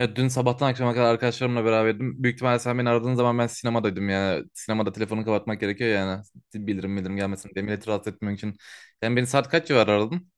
Ya dün sabahtan akşama kadar arkadaşlarımla beraberdim. Büyük ihtimalle sen beni aradığın zaman ben sinemadaydım yani. Sinemada telefonu kapatmak gerekiyor yani. Bildirim bildirim gelmesin diye milleti rahatsız etmemek için. Yani beni saat kaç civarı aradın?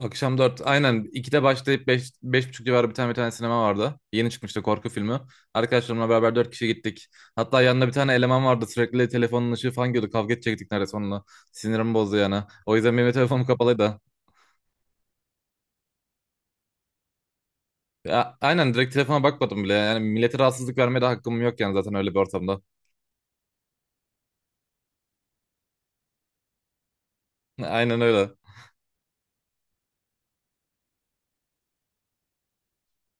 Akşam 4. Aynen 2'de başlayıp 5, beş buçuk civarı bir tane sinema vardı. Yeni çıkmıştı korku filmi. Arkadaşlarımla beraber 4 kişi gittik. Hatta yanında bir tane eleman vardı. Sürekli telefonun ışığı falan gidiyordu. Kavga edecektik neredeyse onunla. Sinirimi bozdu yani. O yüzden benim de telefonum kapalıydı. Ya, aynen direkt telefona bakmadım bile. Yani millete rahatsızlık vermeye de hakkım yok yani zaten öyle bir ortamda. Aynen öyle.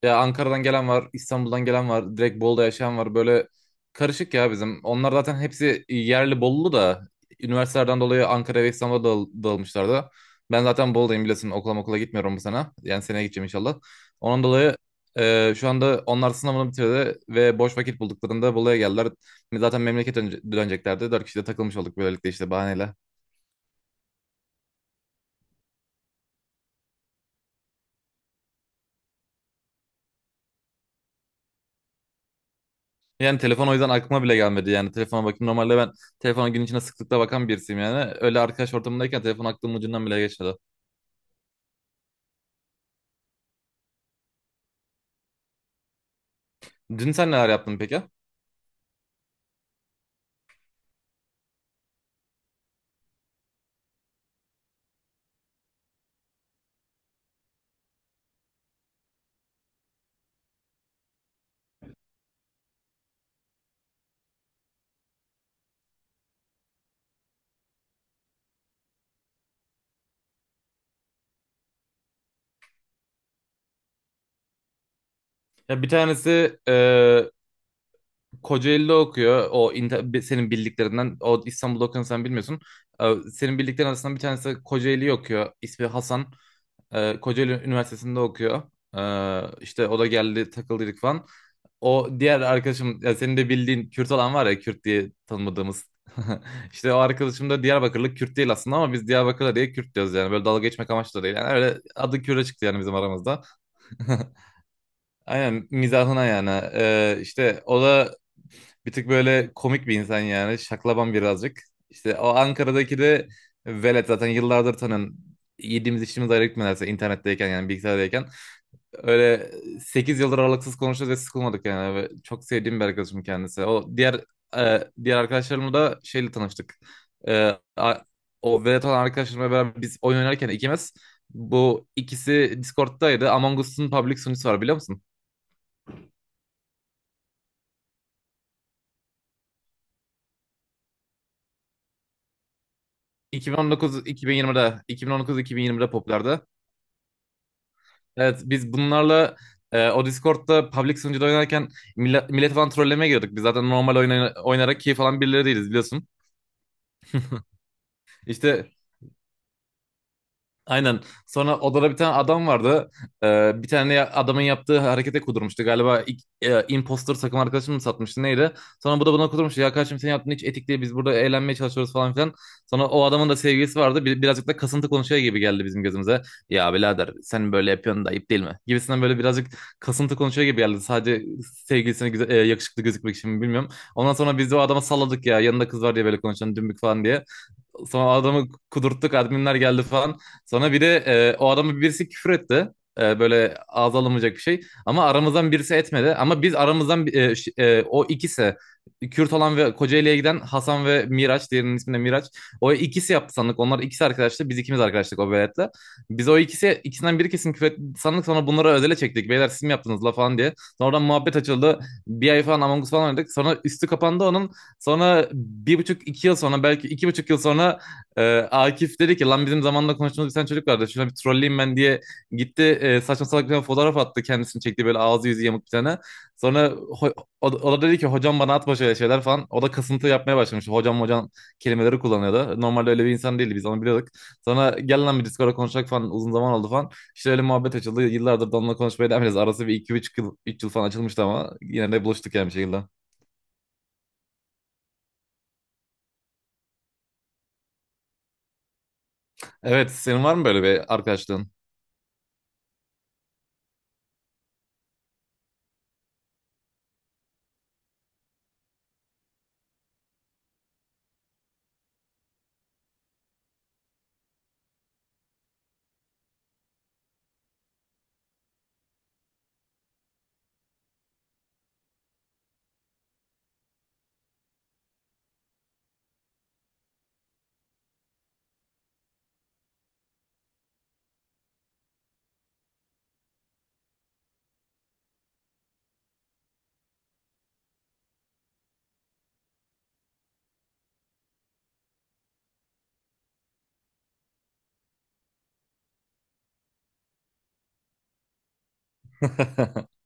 Ya Ankara'dan gelen var, İstanbul'dan gelen var, direkt Bolu'da yaşayan var. Böyle karışık ya bizim. Onlar zaten hepsi yerli Bolulu da üniversitelerden dolayı Ankara ve İstanbul'a dağılmışlardı. Ben zaten Bolu'dayım biliyorsun. Okula gitmiyorum bu sene. Yani seneye gideceğim inşallah. Onun dolayı şu anda onlar sınavını bitirdi ve boş vakit bulduklarında Bolu'ya geldiler. Zaten memleket döneceklerdi. Dört kişi de takılmış olduk böylelikle işte bahaneyle. Yani telefon o yüzden aklıma bile gelmedi. Yani telefona bakayım. Normalde ben telefona gün içinde sıklıkla bakan birisiyim yani. Öyle arkadaş ortamındayken telefon aklımın ucundan bile geçmedi. Dün sen neler yaptın peki? Ya bir tanesi Kocaeli'de okuyor. Senin bildiklerinden. O İstanbul'da okuyanı sen bilmiyorsun. Senin bildiklerin arasından bir tanesi Kocaeli'yi okuyor. İsmi Hasan. Kocaeli Üniversitesi'nde okuyor. İşte o da geldi takıldıydık falan. O diğer arkadaşım ya senin de bildiğin Kürt olan var ya Kürt diye tanımadığımız. İşte o arkadaşım da Diyarbakırlı Kürt değil aslında ama biz Diyarbakırlı diye Kürt diyoruz yani. Böyle dalga geçmek amaçlı da değil. Yani öyle adı Kürt'e çıktı yani bizim aramızda. Aynen mizahına yani. İşte o da bir tık böyle komik bir insan yani. Şaklaban birazcık. İşte o Ankara'daki de velet zaten yıllardır tanın. Yediğimiz içtiğimiz ayrı gitmelerse internetteyken yani bilgisayardayken. Öyle 8 yıldır aralıksız konuşuyoruz ve sıkılmadık yani. Ve çok sevdiğim bir arkadaşım kendisi. O diğer arkadaşlarımla da şeyle tanıştık. E, a- O velet olan arkadaşlarımla beraber biz oyun oynarken ikimiz bu ikisi Discord'daydı. Among Us'un public sunucusu var biliyor musun? 2019-2020'de popülerdi. Evet biz bunlarla o Discord'da public sunucuda oynarken millet falan trollemeye giriyorduk. Biz zaten normal oynarak keyif alan birileri değiliz biliyorsun. İşte aynen. Sonra odada bir tane adam vardı. Bir tane adamın yaptığı harekete kudurmuştu. Galiba ilk, impostor takım arkadaşım mı satmıştı neydi? Sonra bu da buna kudurmuştu. Ya kardeşim senin yaptığın hiç etik değil. Biz burada eğlenmeye çalışıyoruz falan filan. Sonra o adamın da sevgilisi vardı. Birazcık da kasıntı konuşuyor gibi geldi bizim gözümüze. Ya birader sen böyle yapıyorsun da ayıp değil mi? Gibisinden böyle birazcık kasıntı konuşuyor gibi geldi. Sadece sevgilisine güzel, yakışıklı gözükmek için mi bilmiyorum. Ondan sonra biz de o adama salladık ya. Yanında kız var diye böyle konuşan dümbük falan diye. Sonra adamı kudurttuk adminler geldi falan. Sonra bir de o adamı birisi küfür etti. Böyle ağza alınmayacak bir şey. Ama aramızdan birisi etmedi. Ama biz aramızdan o ikisi Kürt olan ve Kocaeli'ye giden Hasan ve Miraç. Diğerinin ismi de Miraç. O ikisi yaptı sandık. Onlar ikisi arkadaştı. Biz ikimiz arkadaştık o veletle. Biz o ikisi ikisinden biri kesin küfür etti sandık. Sonra bunları özele çektik. Beyler siz mi yaptınız la falan diye. Sonra oradan muhabbet açıldı. Bir ay falan Among Us falan oynadık. Sonra üstü kapandı onun. Sonra bir buçuk iki yıl sonra belki 2,5 yıl sonra Akif dedi ki lan bizim zamanında konuştuğumuz bir tane çocuk vardı. Şuna bir trolleyim ben diye gitti saçma salak bir tane fotoğraf attı kendisini çekti böyle ağzı yüzü yamuk bir tane. Sonra o da dedi ki hocam bana atma şöyle şeyler falan. O da kasıntı yapmaya başlamış. Hocam hocam kelimeleri kullanıyordu. Normalde öyle bir insan değildi biz onu biliyorduk. Sonra gel lan bir Discord'a konuşacak falan uzun zaman oldu falan. İşte öyle muhabbet açıldı. Yıllardır da onunla konuşmaya devam ediyoruz. Arası bir iki üç yıl falan açılmıştı ama yine de buluştuk yani bir şekilde. Evet, senin var mı böyle bir arkadaşlığın?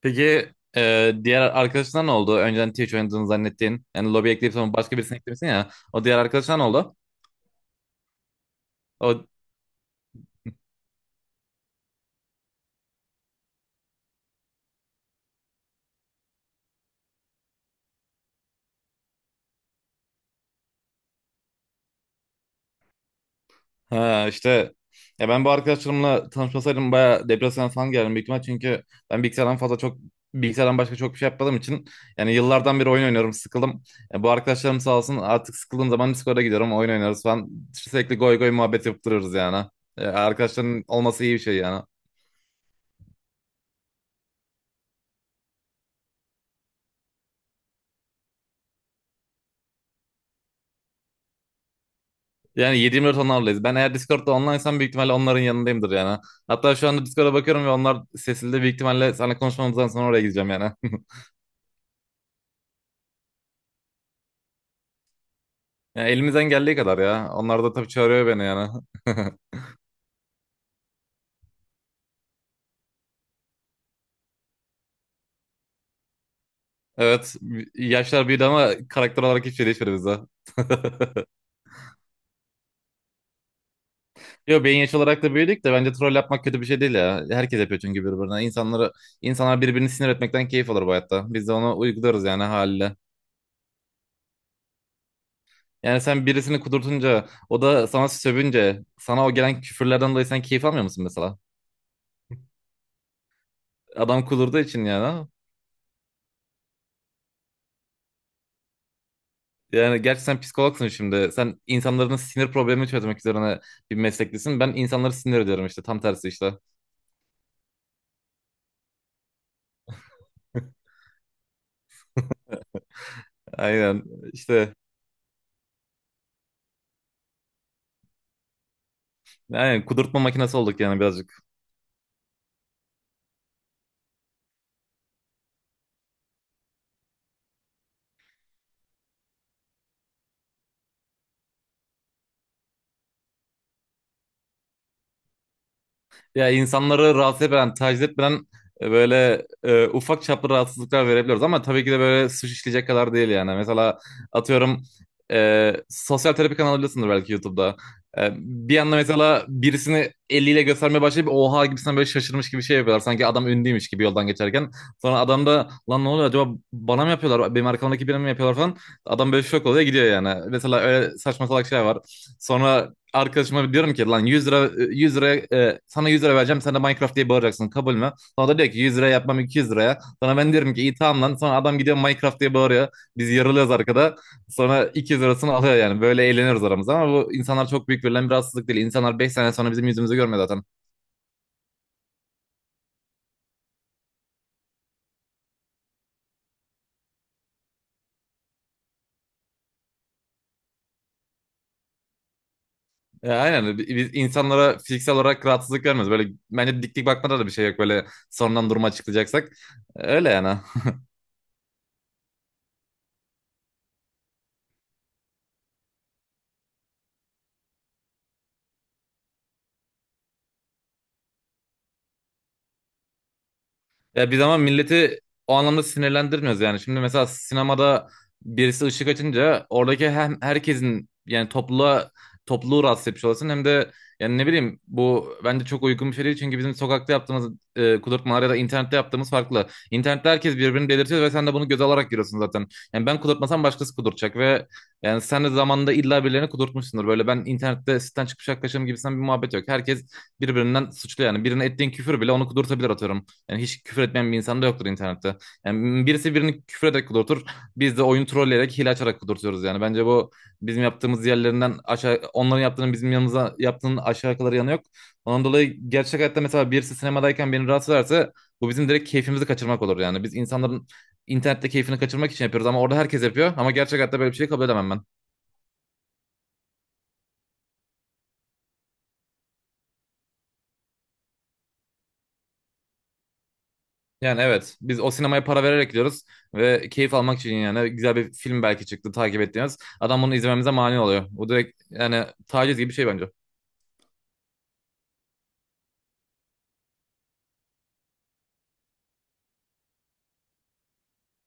Peki diğer arkadaşına ne oldu? Önceden Twitch oynadığını zannettiğin. Yani lobi ekleyip sonra başka birisini eklemişsin ya. O diğer arkadaşına ne oldu? O Ha işte ya ben bu arkadaşlarımla tanışmasaydım bayağı depresyona falan geldim büyük ihtimal çünkü ben bilgisayardan başka çok bir şey yapmadığım için yani yıllardan beri oyun oynuyorum sıkıldım. Bu arkadaşlarım sağ olsun artık sıkıldığım zaman Discord'a gidiyorum oyun oynarız falan sürekli goy goy muhabbet yapıp yani. Arkadaşların olması iyi bir şey yani. Yani 7-24 onlarlayız. Ben eğer Discord'da onlinesam büyük ihtimalle onların yanındayımdır yani. Hatta şu anda Discord'a bakıyorum ve onlar sesli de büyük ihtimalle seninle konuşmamızdan sonra oraya gideceğim yani. Yani elimizden geldiği kadar ya. Onlar da tabii çağırıyor beni yani. Evet. Yaşlar büyüdü ama karakter olarak hiçbir şey değişmedi bizde. Yo beyin yaş olarak da büyüdük de bence troll yapmak kötü bir şey değil ya. Herkes yapıyor çünkü birbirine. İnsanları, insanlar birbirini sinir etmekten keyif alır bu hayatta. Biz de onu uygularız yani haliyle. Yani sen birisini kudurtunca, o da sana sövünce, sana o gelen küfürlerden dolayı sen keyif almıyor musun mesela? Adam kudurduğu için yani. Yani gerçi sen psikologsun şimdi. Sen insanların sinir problemini çözmek üzerine bir mesleklisin. Ben insanları sinir ediyorum işte. Tam tersi işte. Aynen. İşte aynen kudurtma makinesi olduk yani birazcık. Ya insanları rahatsız etmeden, taciz etmeden böyle ufak çaplı rahatsızlıklar verebiliyoruz ama tabii ki de böyle suç işleyecek kadar değil yani. Mesela atıyorum sosyal terapi kanalı biliyorsundur belki YouTube'da. Bir anda mesela birisini eliyle göstermeye başlayıp oha gibisinden böyle şaşırmış gibi şey yapıyorlar. Sanki adam ünlüymüş gibi yoldan geçerken. Sonra adam da lan ne oluyor acaba bana mı yapıyorlar? Benim arkamdaki birine mi yapıyorlar falan. Adam böyle şok oluyor gidiyor yani. Mesela öyle saçma salak şeyler var. Sonra arkadaşıma diyorum ki lan 100 lira sana 100 lira vereceğim sen de Minecraft diye bağıracaksın kabul mü? Sonra da diyor ki 100 lira yapmam 200 liraya. Sonra ben diyorum ki iyi tamam lan. Sonra adam gidiyor Minecraft diye bağırıyor. Biz yarılıyoruz arkada. Sonra 200 lirasını alıyor yani. Böyle eğleniyoruz aramızda ama bu insanlar çok büyük verilen bir rahatsızlık değil. İnsanlar 5 sene sonra bizim yüzümüzü görmüyor zaten. Ya aynen biz insanlara fiziksel olarak rahatsızlık vermiyoruz. Böyle bence dik dik bakmada da bir şey yok böyle sonradan durumu açıklayacaksak. Öyle yani. Ya bir zaman milleti o anlamda sinirlendirmiyoruz yani. Şimdi mesela sinemada birisi ışık açınca oradaki hem herkesin yani topluluğu rahatsız etmiş olasın hem de yani ne bileyim bu bence çok uygun bir şey değil çünkü bizim sokakta yaptığımız kudurtmalar ya da internette yaptığımız farklı. İnternette herkes birbirini delirtiyor ve sen de bunu göze alarak giriyorsun zaten. Yani ben kudurtmasam başkası kudurtacak ve yani sen de zamanında illa birilerini kudurtmuşsundur. Böyle ben internette sitten çıkmış arkadaşım gibisinden bir muhabbet yok. Herkes birbirinden suçlu yani. Birine ettiğin küfür bile onu kudurtabilir atıyorum. Yani hiç küfür etmeyen bir insan da yoktur internette. Yani birisi birini küfür ederek kudurtur. Biz de oyunu trolleyerek, hile açarak kudurtuyoruz yani. Bence bu bizim yaptığımız yerlerinden aşağı, onların yaptığının bizim yanımıza yaptığının aşağı kalır yanı yok. Ondan dolayı gerçek hayatta mesela birisi sinemadayken beni rahatsız ederse bu bizim direkt keyfimizi kaçırmak olur yani. Biz insanların internette keyfini kaçırmak için yapıyoruz ama orada herkes yapıyor. Ama gerçek hayatta böyle bir şey kabul edemem ben. Yani evet biz o sinemaya para vererek gidiyoruz ve keyif almak için yani güzel bir film belki çıktı takip ettiğimiz. Adam bunu izlememize mani oluyor. Bu direkt yani taciz gibi bir şey bence.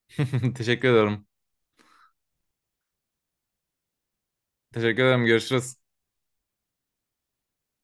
Teşekkür ederim. Teşekkür ederim. Görüşürüz.